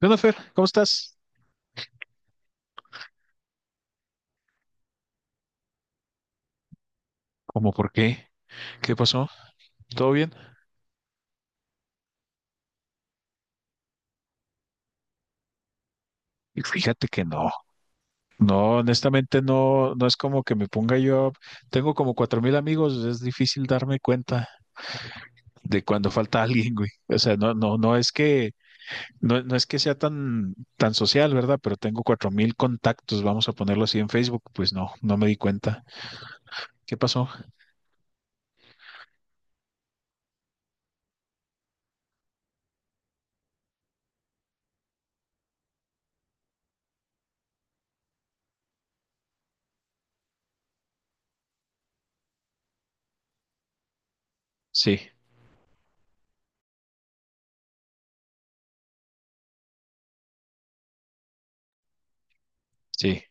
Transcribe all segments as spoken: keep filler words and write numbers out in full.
¿Qué onda, Fer? ¿Cómo estás? ¿Cómo por qué? ¿Qué pasó? ¿Todo bien? Y Fíjate que no, no, honestamente no, no es como que me ponga yo, tengo como cuatro mil amigos, es difícil darme cuenta de cuando falta alguien, güey. O sea, no, no, no es que, no, no es que sea tan, tan social, ¿verdad? Pero tengo cuatro mil contactos, vamos a ponerlo así en Facebook, pues no, no me di cuenta. ¿Qué pasó? Sí, sí.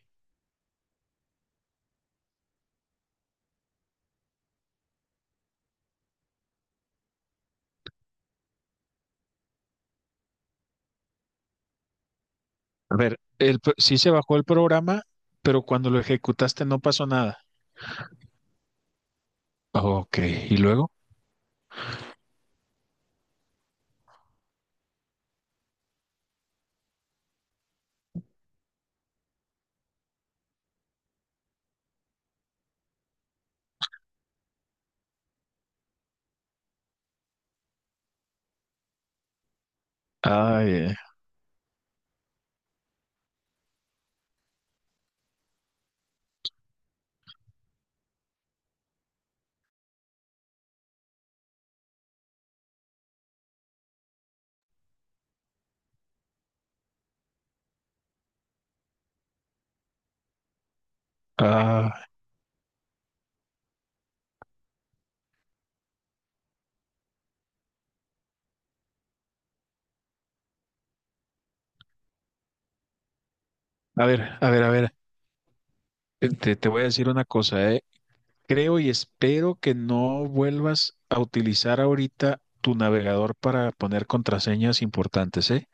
A ver, el, pro- sí se bajó el programa, pero cuando lo ejecutaste no pasó nada. Ok, ¿y luego? Ay, eh, ah, a ver, a ver, a ver, eh, te, te voy a decir una cosa, eh. Creo y espero que no vuelvas a utilizar ahorita tu navegador para poner contraseñas importantes, ¿eh?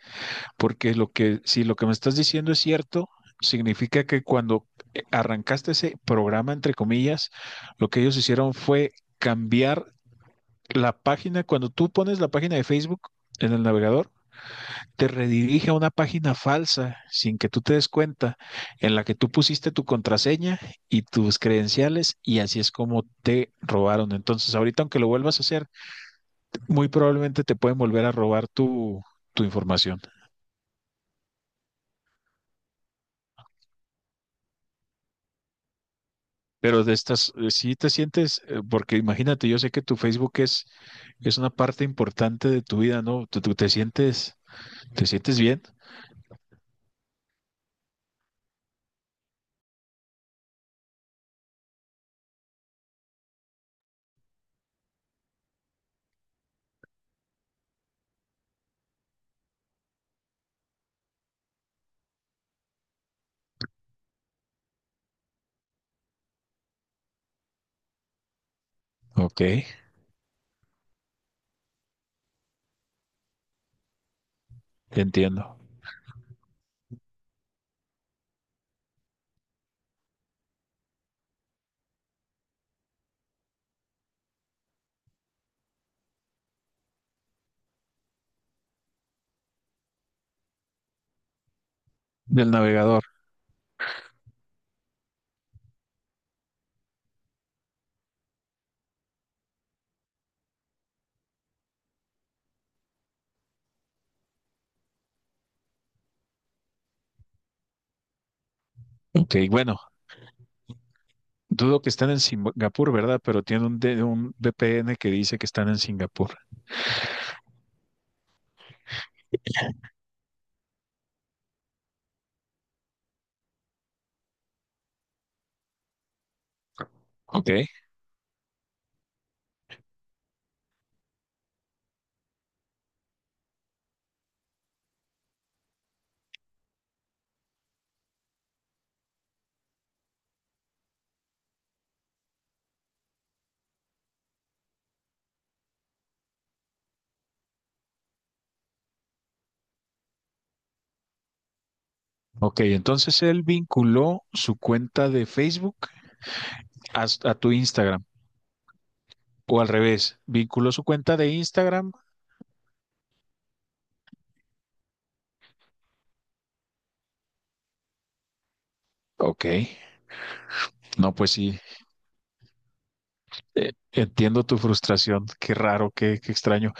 Porque lo que, si lo que me estás diciendo es cierto, significa que cuando eh, arrancaste ese programa, entre comillas, lo que ellos hicieron fue cambiar la página. Cuando tú pones la página de Facebook en el navegador, te redirige a una página falsa sin que tú te des cuenta, en la que tú pusiste tu contraseña y tus credenciales y así es como te robaron. Entonces, ahorita aunque lo vuelvas a hacer, muy probablemente te pueden volver a robar tu, tu información. Pero de estas, eh, sí te sientes, eh, porque imagínate, yo sé que tu Facebook es, es una parte importante de tu vida, ¿no? ¿Tú, tú te sientes, te sientes bien? Ok, entiendo. Del navegador. Ok, bueno, dudo que están en Singapur, ¿verdad? Pero tiene un, D- un V P N que dice que están en Singapur. Ok. Ok, entonces él vinculó su cuenta de Facebook a, a tu Instagram, o al revés, vinculó su cuenta de Instagram. Ok, no, pues sí. Eh, Entiendo tu frustración, qué raro, qué, qué extraño.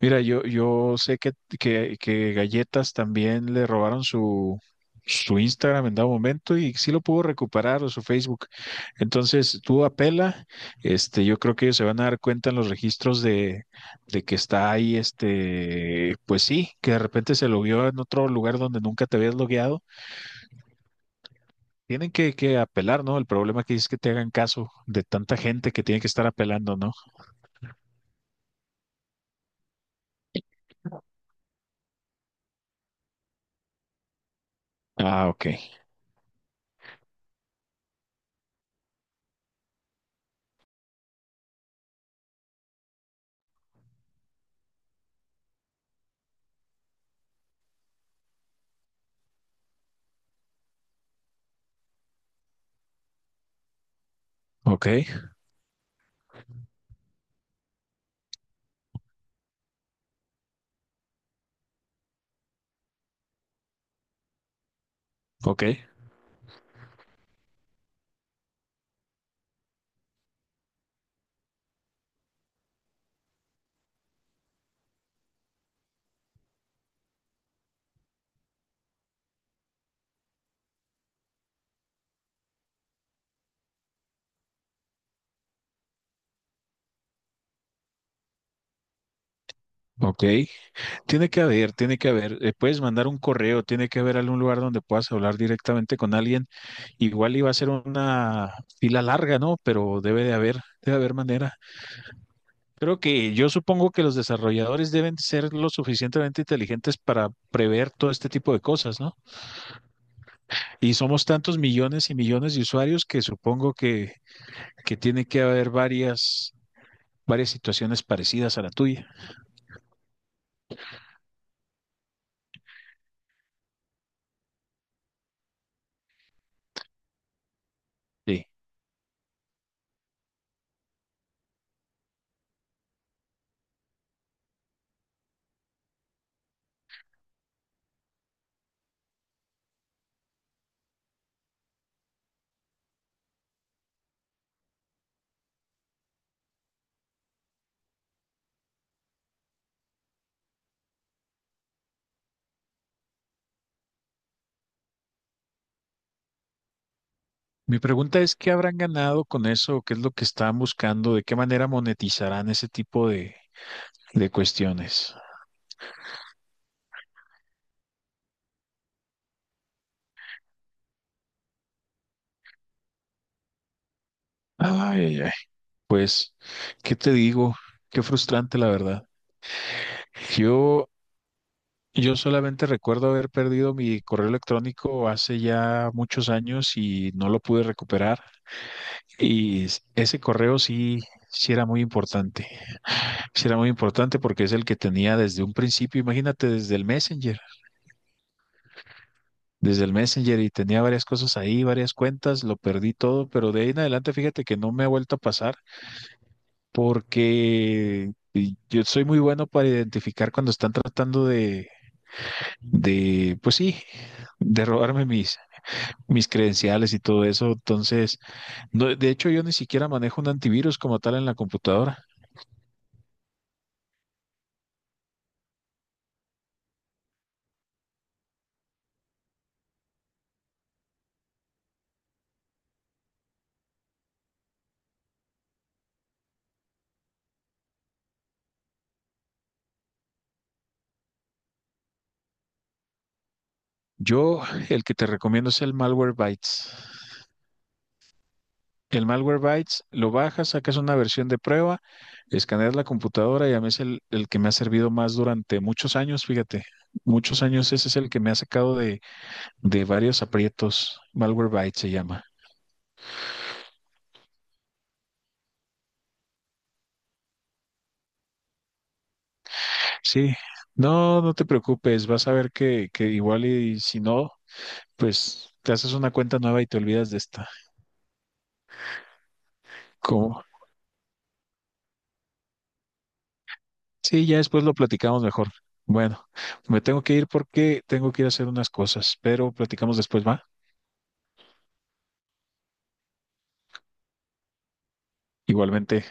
Mira, yo, yo sé que, que, que Galletas también le robaron su, su Instagram en dado momento y sí lo pudo recuperar o su Facebook. Entonces, tú apela, este, yo creo que ellos se van a dar cuenta en los registros de, de que está ahí, este, pues sí, que de repente se lo vio en otro lugar donde nunca te habías logueado. Tienen que, que apelar, ¿no? El problema que es que te hagan caso de tanta gente que tiene que estar apelando, ¿no? Ah, ok. Ok, ok, ok. Tiene que haber, tiene que haber. Eh, puedes mandar un correo, tiene que haber algún lugar donde puedas hablar directamente con alguien. Igual iba a ser una fila larga, ¿no? Pero debe de haber, debe haber manera. Creo que yo supongo que los desarrolladores deben ser lo suficientemente inteligentes para prever todo este tipo de cosas, ¿no? Y somos tantos millones y millones de usuarios que supongo que, que tiene que haber varias, varias situaciones parecidas a la tuya. Sí. Mi pregunta es, ¿qué habrán ganado con eso? ¿Qué es lo que están buscando? ¿De qué manera monetizarán ese tipo de, de cuestiones? Ay, ay, ay. Pues, ¿qué te digo? Qué frustrante, la verdad. Yo, yo solamente recuerdo haber perdido mi correo electrónico hace ya muchos años y no lo pude recuperar. Y s- ese correo sí, sí era muy importante. Sí era muy importante porque es el que tenía desde un principio, imagínate, desde el Messenger. Desde el Messenger y tenía varias cosas ahí, varias cuentas, lo perdí todo, pero de ahí en adelante fíjate que no me ha vuelto a pasar porque y yo soy muy bueno para identificar cuando están tratando de, de, pues sí, de robarme mis, mis credenciales y todo eso. Entonces, no, de hecho yo ni siquiera manejo un antivirus como tal en la computadora. Yo, el que te recomiendo es el Malwarebytes. El Malwarebytes lo bajas, sacas una versión de prueba, escaneas la computadora y a mí es el, el que me ha servido más durante muchos años, fíjate, muchos años ese es el que me ha sacado de, de varios aprietos. Malwarebytes se llama. Sí, no, no te preocupes, vas a ver que, que igual y si no, pues te haces una cuenta nueva y te olvidas de esta. ¿Cómo? Sí, ya después lo platicamos mejor. Bueno, me tengo que ir porque tengo que ir a hacer unas cosas, pero platicamos después, ¿va? Igualmente.